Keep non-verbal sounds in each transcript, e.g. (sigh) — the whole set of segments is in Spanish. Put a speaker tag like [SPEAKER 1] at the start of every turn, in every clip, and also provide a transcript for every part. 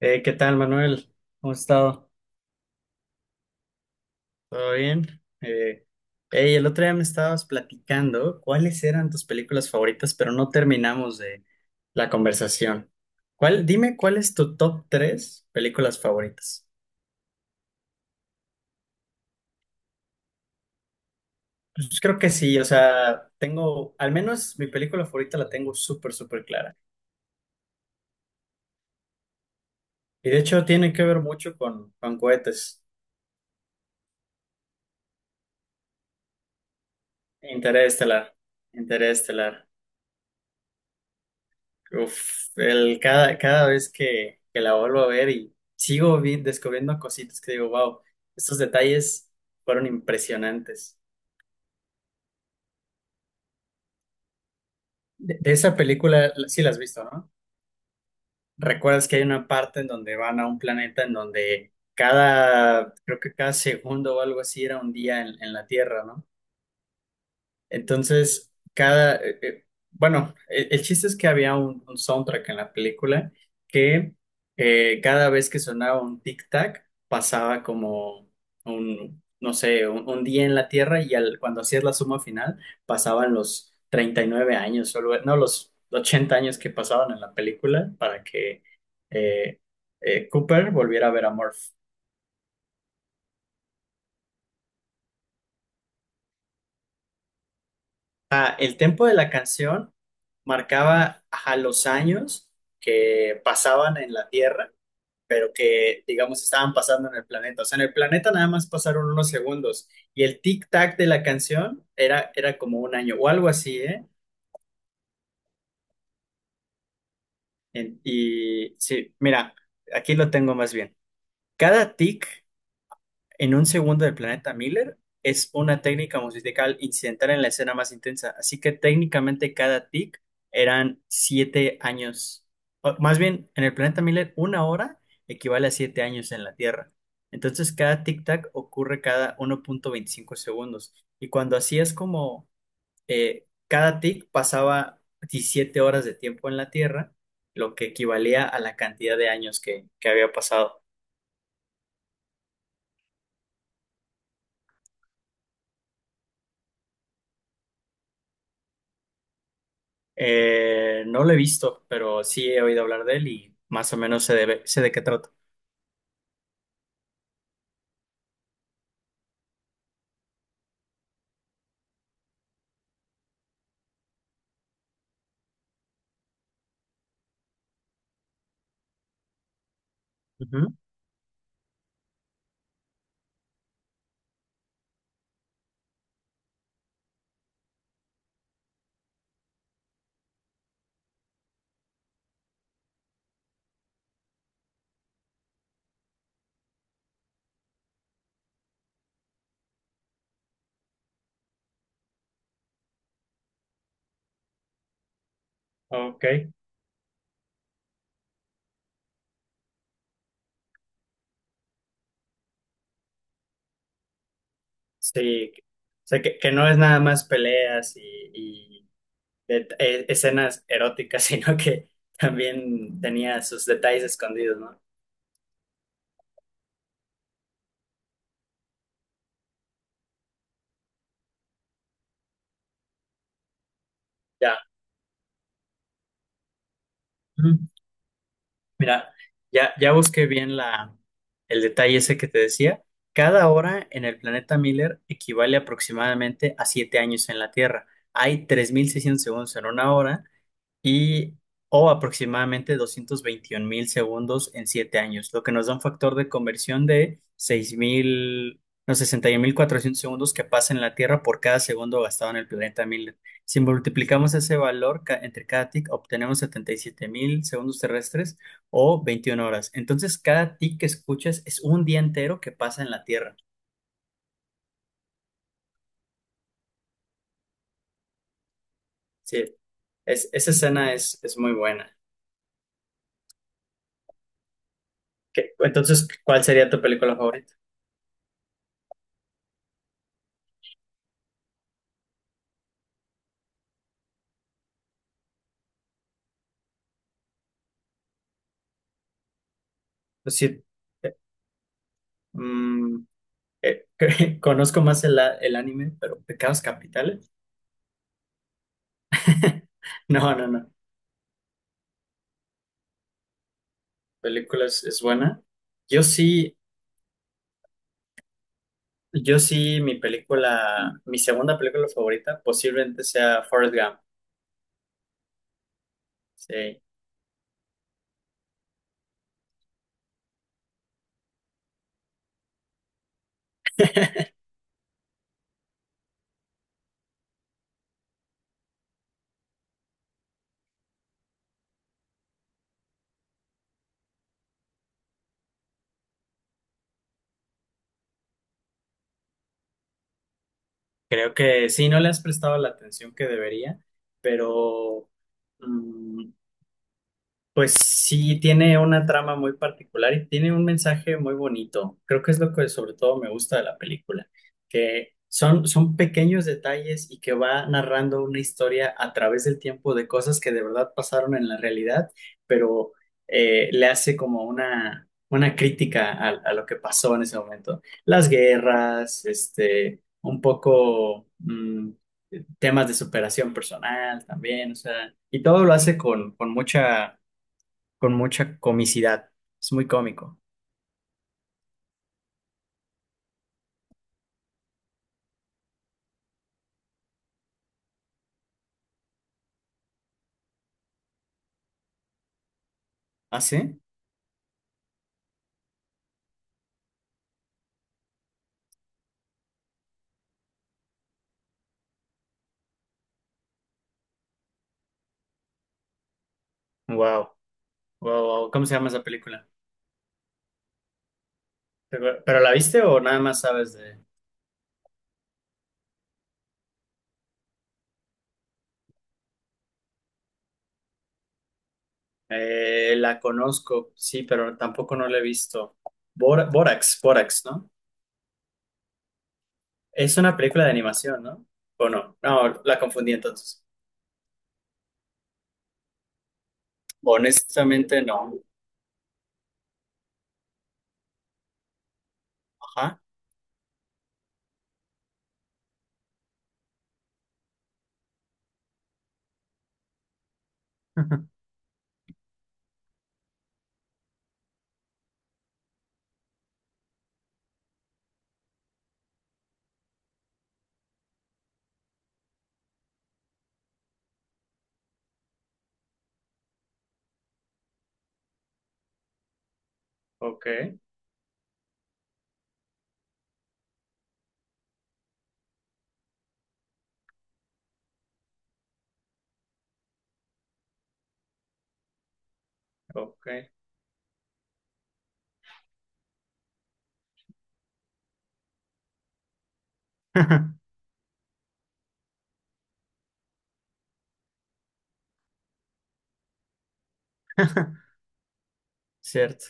[SPEAKER 1] ¿Qué tal, Manuel? ¿Cómo has estado? ¿Todo bien? Hey, el otro día me estabas platicando cuáles eran tus películas favoritas, pero no terminamos de la conversación. ¿Dime cuál es tu top tres películas favoritas? Pues creo que sí, o sea, al menos mi película favorita la tengo súper, súper clara. Y de hecho tiene que ver mucho con cohetes. Interestelar, Interestelar. Uf, cada vez que la vuelvo a ver y sigo descubriendo cositas que digo, wow, estos detalles fueron impresionantes. De esa película sí la has visto, ¿no? Recuerdas que hay una parte en donde van a un planeta en donde creo que cada segundo o algo así era un día en la Tierra, ¿no? Entonces, bueno, el chiste es que había un soundtrack en la película que cada vez que sonaba un tic-tac pasaba como no sé, un día en la Tierra y cuando hacías la suma final pasaban los 39 años, o no, los 80 años que pasaban en la película para que eh, Cooper volviera a ver a Murph. Ah, el tempo de la canción marcaba a los años que pasaban en la Tierra, pero que, digamos, estaban pasando en el planeta. O sea, en el planeta nada más pasaron unos segundos y el tic-tac de la canción era como un año o algo así, ¿eh? Y sí, mira, aquí lo tengo más bien. Cada tic En un segundo del planeta Miller es una técnica musical incidental en la escena más intensa, así que técnicamente cada tic eran 7 años. O, más bien, en el planeta Miller, una hora equivale a 7 años en la Tierra. Entonces, cada tic-tac ocurre cada 1.25 segundos. Y cuando así es como cada tic pasaba 17 horas de tiempo en la Tierra, lo que equivalía a la cantidad de años que había pasado. No lo he visto, pero sí he oído hablar de él y más o menos sé de qué trata. Ujú. Ok, sí. O sea, que no es nada más peleas y escenas eróticas, (laughs) sino que también tenía sus detalles escondidos, ¿no? Ya. Ujú. Mira, ya busqué bien el detalle ese que te decía. Cada hora en el planeta Miller equivale aproximadamente a 7 años en la Tierra. Hay 3600 segundos en una hora y o aproximadamente 221.000 segundos en 7 años, lo que nos da un factor de conversión de 6.000 no, 61.400 segundos que pasa en la Tierra por cada segundo gastado en el planeta Miller. Si multiplicamos ese valor entre cada tick, obtenemos 77.000 segundos terrestres o 21 horas. Entonces, cada tick que escuchas es un día entero que pasa en la Tierra. Sí, esa escena es muy buena. Entonces, ¿cuál sería tu película favorita? Pues sí, eh, Mm, eh, (laughs) conozco más el anime, pero Pecados Capitales. (laughs) No, no, no. Película es buena. Yo sí, yo sí, mi segunda película favorita posiblemente sea Forrest Gump. Sí, creo que sí, no le has prestado la atención que debería, pero mm, pues sí, tiene una trama muy particular y tiene un mensaje muy bonito. Creo que es lo que sobre todo me gusta de la película, que son pequeños detalles y que va narrando una historia a través del tiempo de cosas que de verdad pasaron en la realidad, pero le hace como una crítica a lo que pasó en ese momento. Las guerras, este, un poco temas de superación personal también, o sea, y todo lo hace con mucha comicidad. Es muy cómico. ¿Ah, sí? Wow, wow, wow. ¿Cómo se llama esa película? ¿Pero la viste o nada más sabes de? La conozco, sí, pero tampoco no la he visto. Borax, Borax, ¿no? Es una película de animación, ¿no? ¿O no? No, la confundí entonces. Honestamente, no. Ajá. (laughs) Ok, ok. (laughs) Cierto.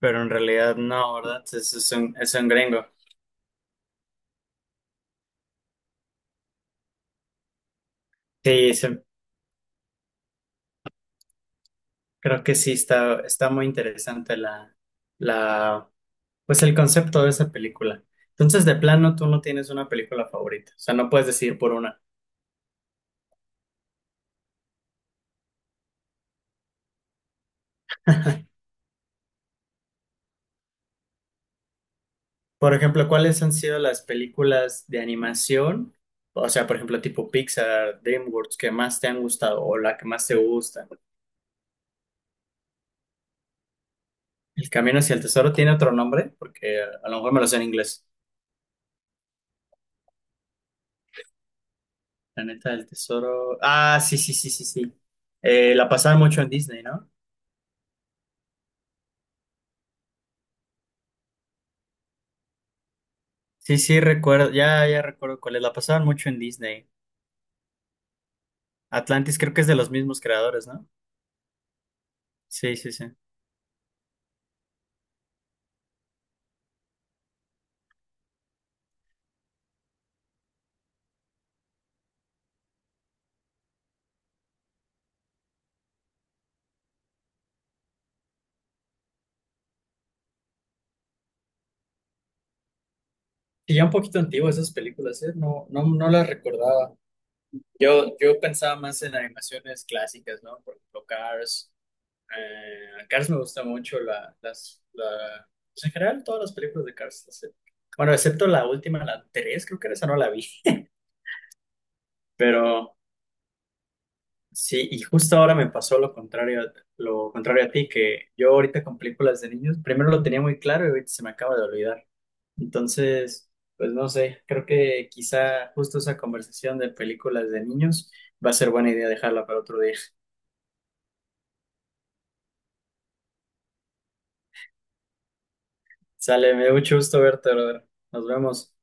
[SPEAKER 1] Pero en realidad no, ¿verdad? Es un gringo. Sí, sí. Creo que sí está, muy interesante la, pues el concepto de esa película. Entonces, de plano, tú no tienes una película favorita. O sea, no puedes decidir por una. Por ejemplo, ¿cuáles han sido las películas de animación? O sea, por ejemplo, tipo Pixar, DreamWorks, que más te han gustado o la que más te gusta. El Camino hacia el Tesoro tiene otro nombre, porque a lo mejor me lo sé en inglés. Planeta del Tesoro. Ah, sí, sí, sí, sí, sí. La pasaban mucho en Disney, ¿no? Sí, sí, recuerdo, ya recuerdo cuál es. La pasaban mucho en Disney. Atlantis creo que es de los mismos creadores, ¿no? Sí, sí, sí. Y ya un poquito antiguas esas películas, ¿eh? No, no, no las recordaba. Yo pensaba más en animaciones clásicas, ¿no? Por ejemplo, Cars. Cars me gusta mucho. Pues en general, todas las películas de Cars. Bueno, excepto la última, la 3 creo que esa no la vi. (laughs) Pero sí, y justo ahora me pasó lo contrario, lo contrario a ti, que yo ahorita con películas de niños, primero lo tenía muy claro y ahorita se me acaba de olvidar. Entonces, pues no sé, creo que quizá justo esa conversación de películas de niños va a ser buena idea dejarla para otro día. Sale, me dio mucho gusto verte, brother. Nos vemos.